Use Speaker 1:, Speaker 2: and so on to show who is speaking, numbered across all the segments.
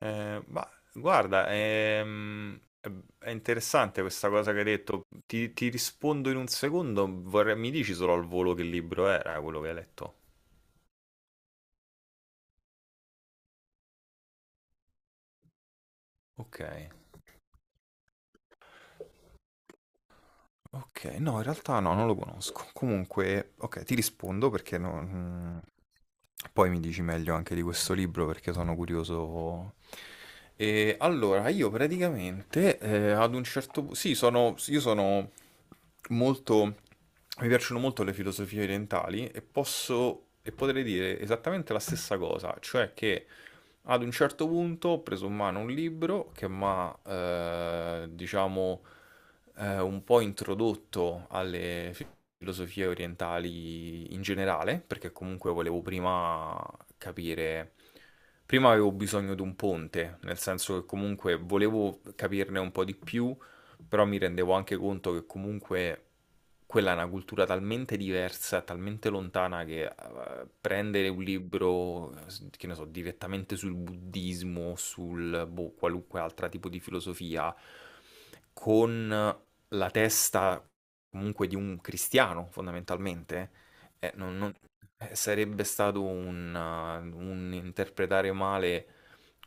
Speaker 1: Ma guarda, è interessante questa cosa che hai detto. Ti rispondo in un secondo. Mi dici solo al volo che libro era quello che hai letto? Ok. Ok, no, in realtà no, non lo conosco. Comunque, ok, ti rispondo perché non... poi mi dici meglio anche di questo libro perché sono curioso. E allora, io praticamente ad un certo punto... Sì, sono... io sono molto... Mi piacciono molto le filosofie orientali e e potrei dire esattamente la stessa cosa, cioè che... Ad un certo punto ho preso in mano un libro che mi ha, diciamo, un po' introdotto alle filosofie orientali in generale, perché comunque volevo prima capire, prima avevo bisogno di un ponte, nel senso che comunque volevo capirne un po' di più, però mi rendevo anche conto che comunque quella è una cultura talmente diversa, talmente lontana che prendere un libro, che ne so, direttamente sul buddismo, sul boh, qualunque altro tipo di filosofia, con la testa comunque di un cristiano, fondamentalmente, eh, non- non- sarebbe stato un interpretare male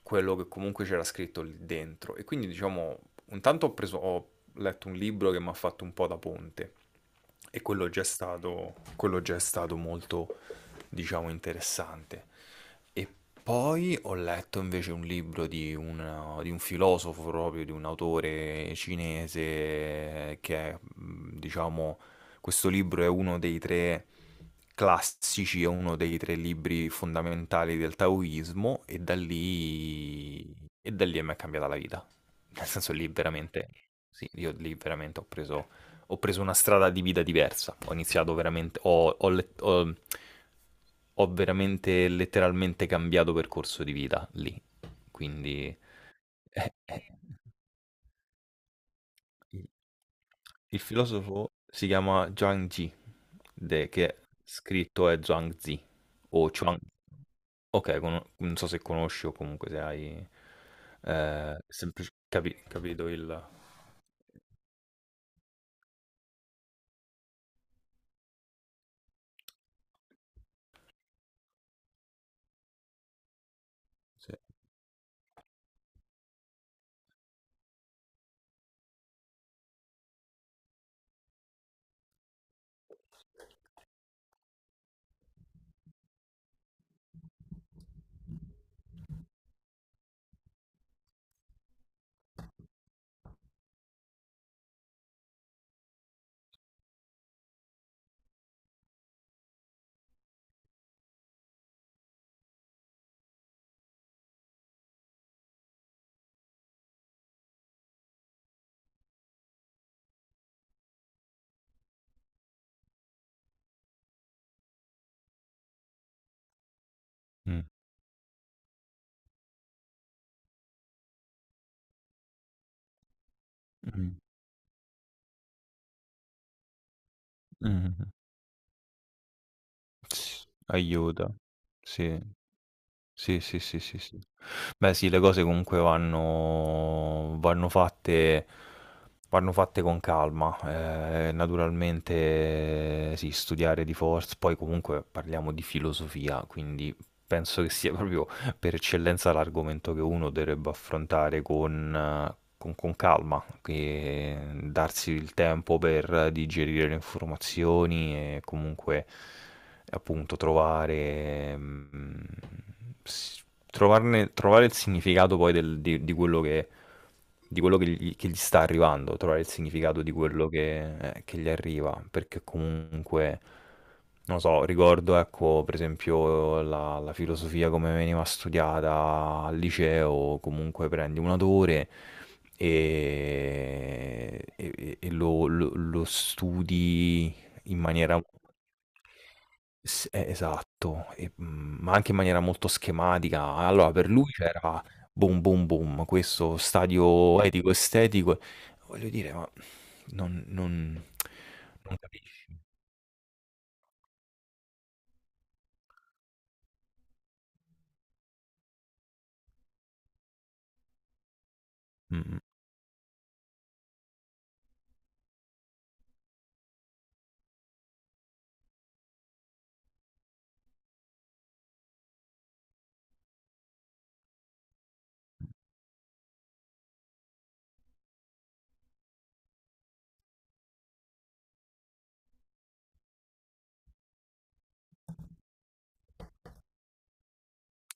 Speaker 1: quello che comunque c'era scritto lì dentro. E quindi, diciamo, intanto ho letto un libro che mi ha fatto un po' da ponte, e quello già è stato molto, diciamo, interessante. E poi ho letto invece un libro di un filosofo proprio, di un autore cinese che è, diciamo, questo libro è uno dei tre classici, è uno dei tre libri fondamentali del taoismo, e da lì a me è cambiata la vita. Nel senso lì veramente, sì, io lì veramente ho preso una strada di vita diversa. Ho iniziato veramente, ho veramente letteralmente cambiato percorso di vita lì. Quindi... eh, eh. Mh. Il filosofo si chiama Zhuang Zi, de che scritto è Zhuangzi o Chuang, okay, cono non so se conosci o comunque se hai, semplic capi capito il sì. Mh. Mh-mh. Mh-mh-mh. Aiuta. Sì. Sì, sì, sì, sì, sì. Beh sì, le cose comunque vanno fatte con calma. Naturalmente sì, studiare di forz poi comunque parliamo di filosofia, quindi penso che sia proprio per eccellenza l'argomento che uno dovrebbe affrontare con calma, che darsi il tempo per digerire le informazioni e comunque appunto trovare, s- trovare il significato di quello che che gli sta arrivando, trovare il significato di quello che gli arriva, perché comunque, non so, ricordo, ecco, per esempio la filosofia come veniva studiata al liceo, comunque prendi un autore e lo studi in maniera, S esatto, ma anche in maniera molto schematica. Allora per lui c'era boom, boom, boom, questo stadio etico, estetico, voglio dire, ma non non non capisci. Mh-mh,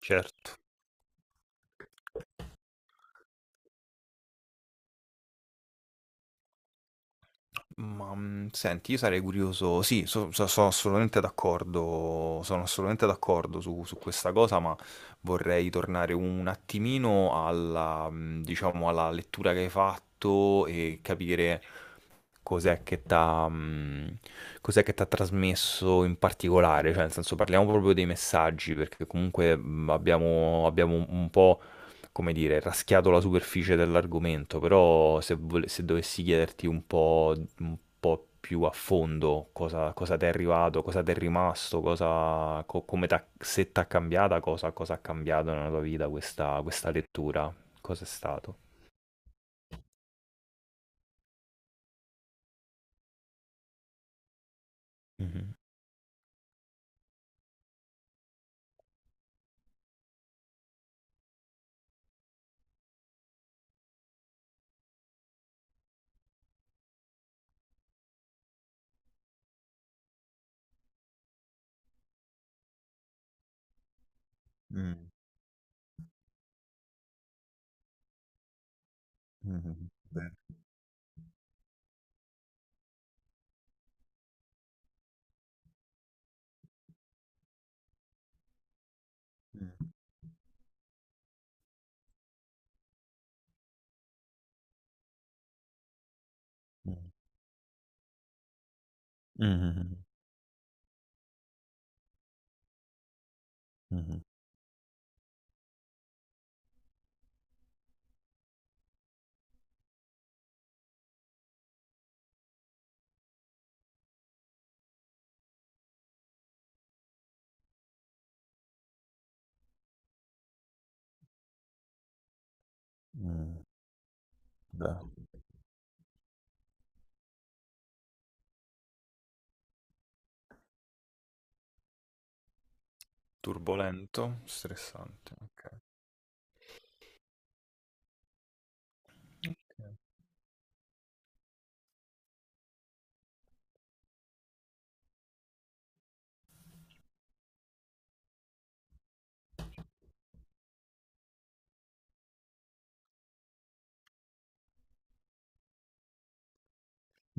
Speaker 1: certo. Ma senti, io sarei curioso, sì, sono assolutamente d'accordo, su questa cosa, ma vorrei tornare un attimino alla, diciamo, alla lettura che hai fatto e capire cos'è che t'ha, mh, cos'è che t'ha trasmesso in particolare, cioè nel senso parliamo proprio dei messaggi, perché comunque abbiamo un po', come dire, raschiato la superficie dell'argomento, però se dovessi chiederti un po' più a fondo cosa, ti è arrivato, cosa ti è rimasto, cosa, co- come t'ha- se ti ha cambiata, cosa ha cambiato nella tua vita questa lettura, cosa è stato? Mhm. Mm, mhm, bene. Mm, mhm, mhm, mhm, bene. Turbolento, stressante, ok.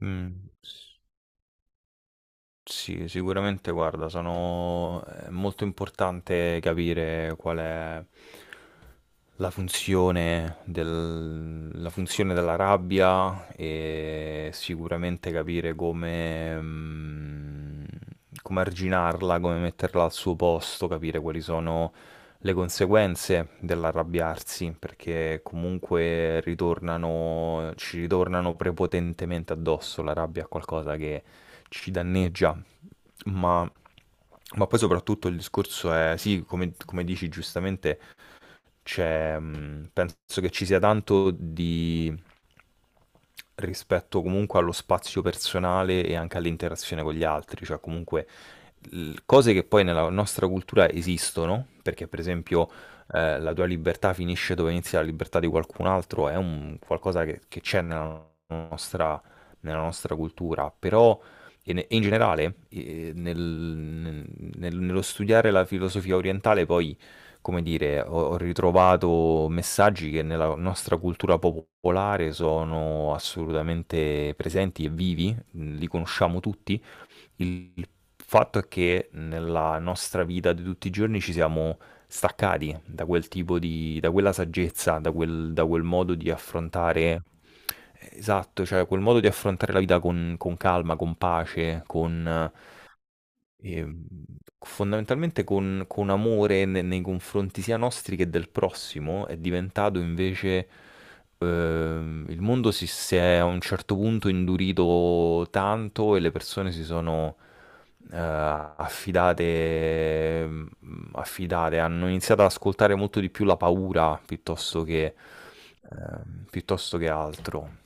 Speaker 1: Mm. Sì, sicuramente, guarda, è molto importante capire qual è la funzione della rabbia, e sicuramente capire come arginarla, come metterla al suo posto, capire quali sono le conseguenze dell'arrabbiarsi, perché comunque ci ritornano prepotentemente addosso. La rabbia è qualcosa che ci danneggia, ma, ma poi soprattutto il discorso è, sì, come dici giustamente, penso che ci sia tanto di rispetto comunque allo spazio personale e anche all'interazione con gli altri, cioè comunque cose che poi nella nostra cultura esistono, perché per esempio la tua libertà finisce dove inizia la libertà di qualcun altro, è un qualcosa che c'è nella nostra cultura, però e in generale nello studiare la filosofia orientale poi, come dire, ho ritrovato messaggi che nella nostra cultura popolare sono assolutamente presenti e vivi, li conosciamo tutti. Il fatto è che nella nostra vita di tutti i giorni ci siamo staccati da quel tipo di, da quella saggezza, da quel modo di affrontare, esatto, cioè quel modo di affrontare la vita con calma, con pace, con... Ehm, fondamentalmente con amore ne nei confronti sia nostri che del prossimo, è diventato invece, il mondo si è a un certo punto indurito tanto e le persone si sono, affidate, hanno iniziato ad ascoltare molto di più la paura piuttosto che, piuttosto che altro.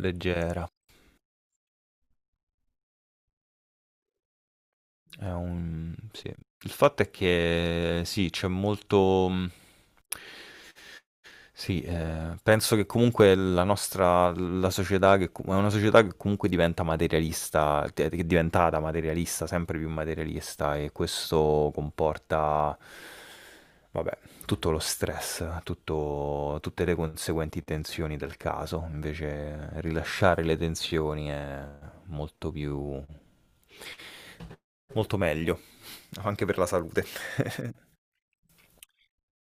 Speaker 1: Leggera. È un sì. Il fatto è che sì, sì, penso che comunque la società che com è una società che comunque diventa materialista, che è diventata materialista, sempre più materialista, e questo comporta, vabbè, tutto lo stress, tutto tutte le conseguenti tensioni del caso. Invece rilasciare le tensioni è molto più Molto meglio, anche per la salute.